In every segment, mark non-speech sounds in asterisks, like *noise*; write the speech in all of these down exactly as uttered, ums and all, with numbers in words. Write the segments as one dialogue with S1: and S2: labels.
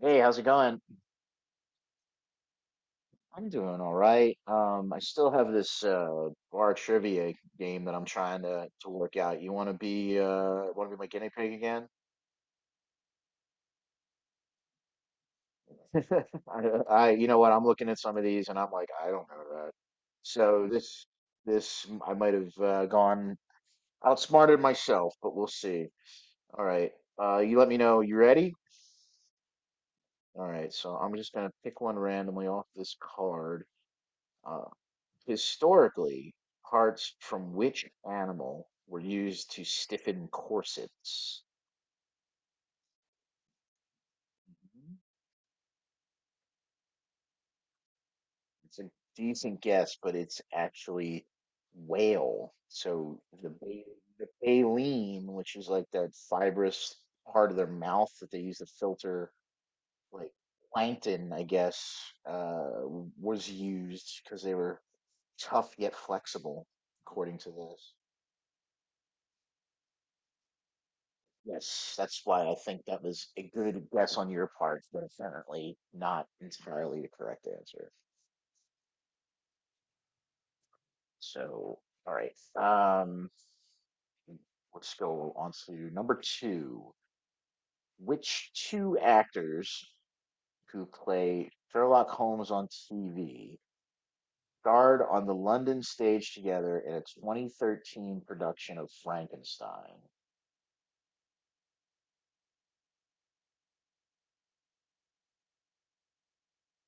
S1: Hey, how's it going? I'm doing all right. Um, I still have this uh bar trivia game that I'm trying to to work out. You want to be uh want to be my guinea pig again? *laughs* I, I you know what? I'm looking at some of these and I'm like, I don't know that. So this this I might have uh, gone outsmarted myself, but we'll see. All right. Uh, you let me know. You ready? All right. So I'm just gonna pick one randomly off this card. Uh, Historically, parts from which animal were used to stiffen corsets? Mhm. It's a decent guess, but it's actually whale. So the ba- the baleen, which is like that fibrous part of their mouth that they use to filter like plankton, I guess, uh, was used because they were tough yet flexible, according to this. Yes, that's why I think that was a good guess on your part, but apparently not entirely the correct answer. So, all right. Um, let's go on to number two. Which two actors who play Sherlock Holmes on T V starred on the London stage together in a twenty thirteen production of Frankenstein?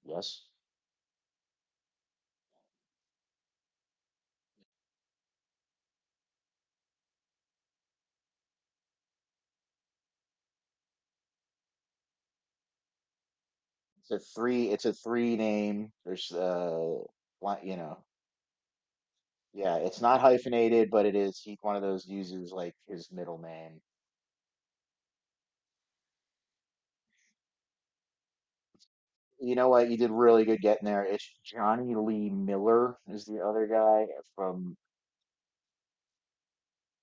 S1: Yes. It's a three, it's a three name. There's uh li- you know, yeah, it's not hyphenated, but it is he, one of those uses like his middle name. You know what? You did really good getting there. It's Johnny Lee Miller is the other guy from.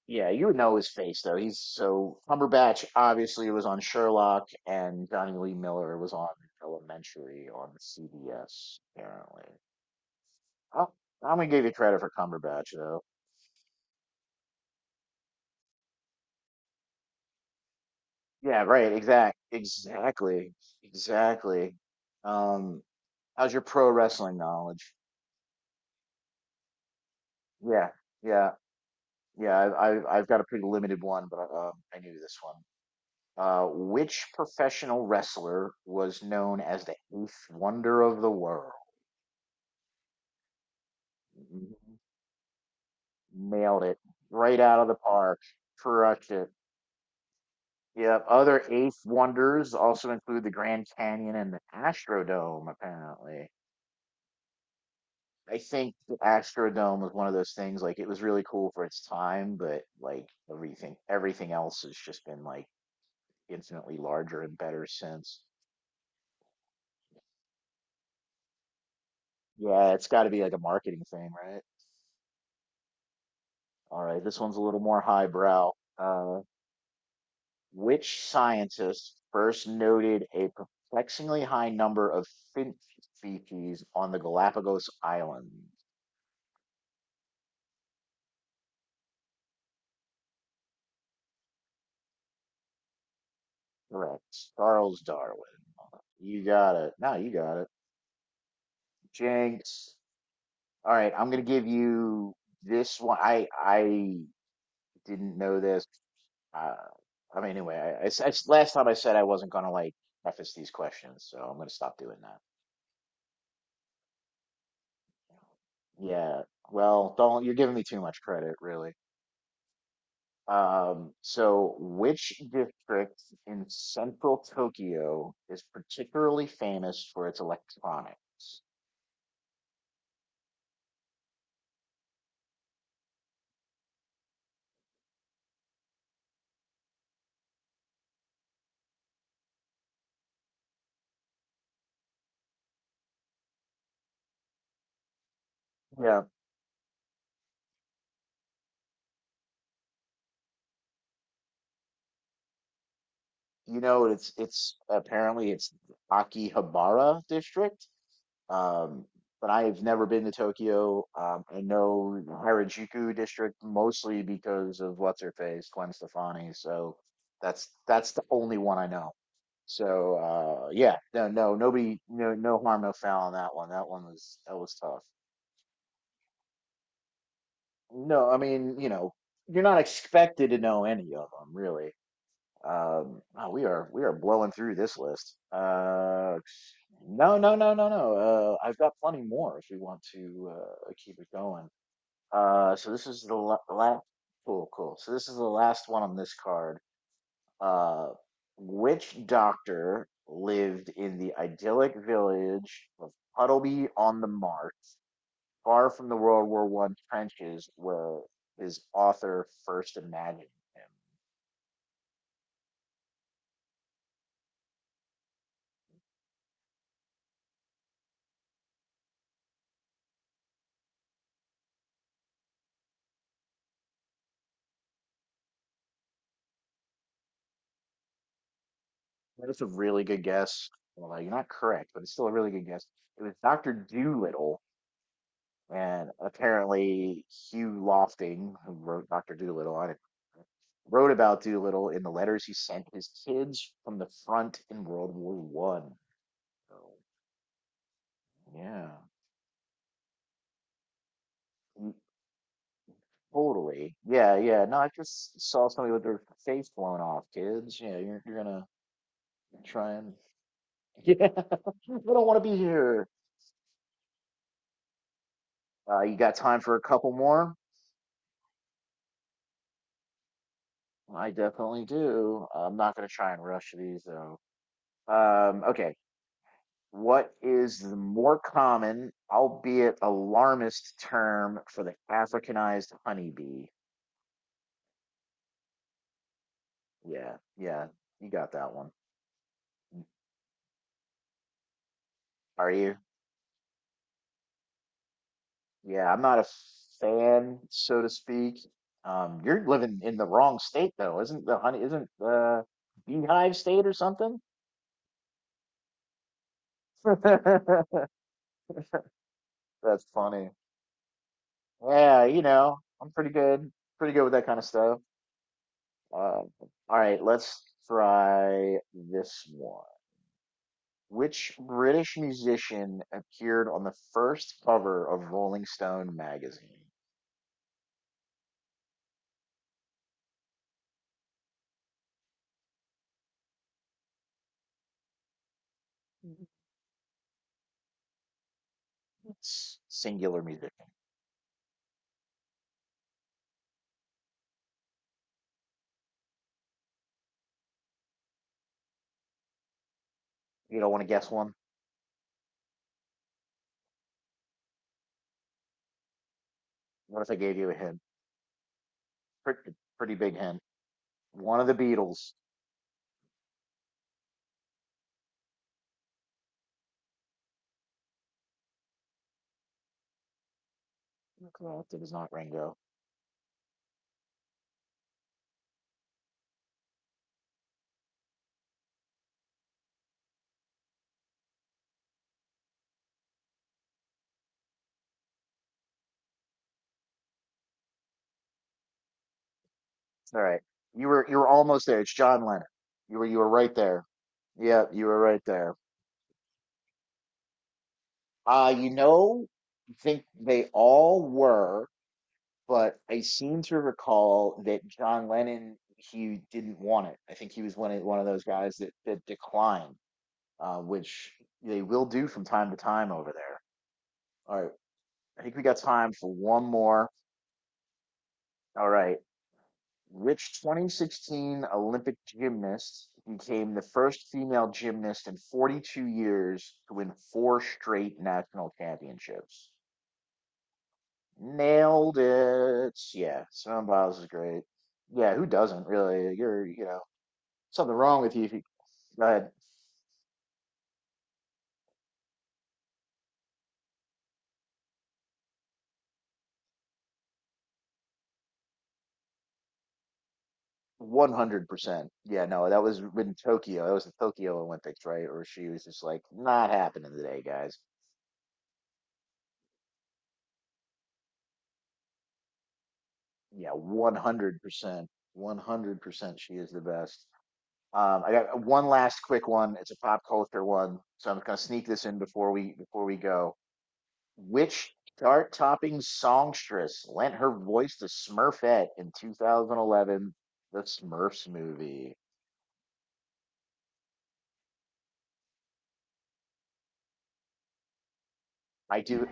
S1: Yeah, you would know his face though. He's so Cumberbatch obviously was on Sherlock, and Johnny Lee Miller was on Elementary on C B S apparently. Oh, I'm gonna give you credit for Cumberbatch though. Yeah, right. Exact. Exactly. Exactly. Um, how's your pro wrestling knowledge? Yeah, yeah, yeah. I, I, I've got a pretty limited one, but uh, um, I knew this one. Uh, which professional wrestler was known as the eighth wonder of the world? Mhm. Nailed it right out of the park. Crushed it. Yep. Other eighth wonders also include the Grand Canyon and the Astrodome, apparently. I think the Astrodome was one of those things, like it was really cool for its time, but like everything everything else has just been like infinitely larger and better sense. Yeah, it's got to be like a marketing thing, right? All right, this one's a little more highbrow. Uh, which scientist first noted a perplexingly high number of finch species on the Galapagos Islands? Correct. Charles Darwin. You got it. No, you got it. Jinx. All right, I'm gonna give you this one. I I didn't know this. Uh, I mean, anyway, I, I s- I s- last time I said I wasn't gonna like preface these questions, so I'm gonna stop doing that. Yeah, well, don't, you're giving me too much credit, really. Um, so which district in central Tokyo is particularly famous for its electronics? Yeah, you know, it's it's apparently it's Akihabara district. Um, but I've never been to Tokyo. Um, I know the Harajuku district mostly because of what's her face, Gwen Stefani. So that's that's the only one I know. So uh, yeah, no, no, nobody, no, no harm, no foul on that one. That one was That was tough. No, I mean, you know, you're not expected to know any of them really. Um, wow, we are we are blowing through this list. Uh, no, no, no, no, no. Uh, I've got plenty more if we want to uh, keep it going. Uh, so this is the la- Last. Cool, cool. So this is the last one on this card. Uh, which doctor lived in the idyllic village of Puddleby on the Marsh, far from the World War One trenches where his author first imagined him? That's a really good guess. Well, you're not correct, but it's still a really good guess. It was Doctor Doolittle, and apparently Hugh Lofting, who wrote Doctor Doolittle. I didn't Wrote about Doolittle in the letters he sent his kids from the front in World War One. So, yeah. Mm, totally. Yeah, yeah. No, I just saw somebody with their face blown off, kids. Yeah, you're you're gonna try and *laughs* yeah. We don't want to be here. Uh, you got time for a couple more? I definitely do. I'm not gonna try and rush these though. Um, okay. What is the more common, albeit alarmist, term for the Africanized honeybee? Yeah, yeah, you got that one. Mm, are you? Yeah, I'm not a fan, so to speak. Um, you're living in the wrong state though, isn't the honey, isn't the beehive state or something? *laughs* That's funny. Yeah, you know, I'm pretty good, pretty good with that kind of stuff. Uh, all right, let's try this one. Which British musician appeared on the first cover of Rolling Stone magazine? Mhm. S- Singular musician. You don't want to guess one? What if I gave you a hint? Pretty, pretty big hint. One of the Beatles. Correct. It is not Ringo. All right. You were you were almost there. It's John Lennon. You were you were right there. Yeah, you were right there. Uh, you know, I think they all were, but I seem to recall that John Lennon, he didn't want it. I think he was one of one of those guys that that declined, uh, which they will do from time to time over there. All right, I think we got time for one more. All right. Which twenty sixteen Olympic gymnast became the first female gymnast in forty-two years to win four straight national championships? Nailed it. Yeah, Simone Biles is great. Yeah, who doesn't really? You're, you know, something wrong with you if you go ahead. one hundred percent. Yeah, no, that was in Tokyo. That was the Tokyo Olympics, right? Or she was just like, not happening today, guys. Yeah, one hundred percent. one hundred percent she is the best. Um, I got one last quick one. It's a pop culture one, so I'm gonna sneak this in before we before we go. Which chart-topping songstress lent her voice to Smurfette in two thousand eleven, the Smurfs movie? I do.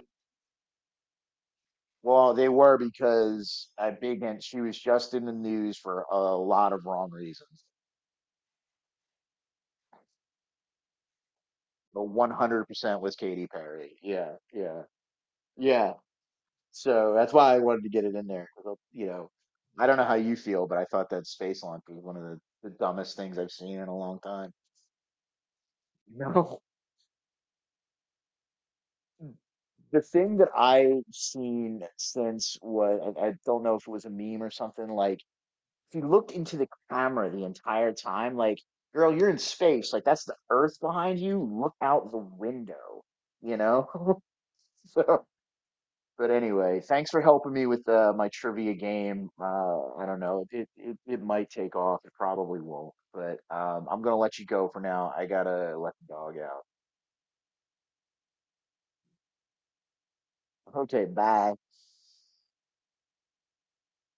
S1: Well, they were because I big and she was just in the news for a lot of wrong reasons, but one hundred percent was Katy Perry. Yeah, yeah, yeah. So that's why I wanted to get it in there. You know, I don't know how you feel, but I thought that space launch was one of the, the dumbest things I've seen in a long time. *laughs* No. The thing that I've seen since was, I, I don't know if it was a meme or something, like if you look into the camera the entire time, like, girl, you're in space. Like, that's the Earth behind you. Look out the window, you know? *laughs* So. But anyway, thanks for helping me with uh, my trivia game. Uh, I don't know. It, it it might take off. It probably won't. But um, I'm gonna let you go for now. I gotta let the dog out. Okay, bye.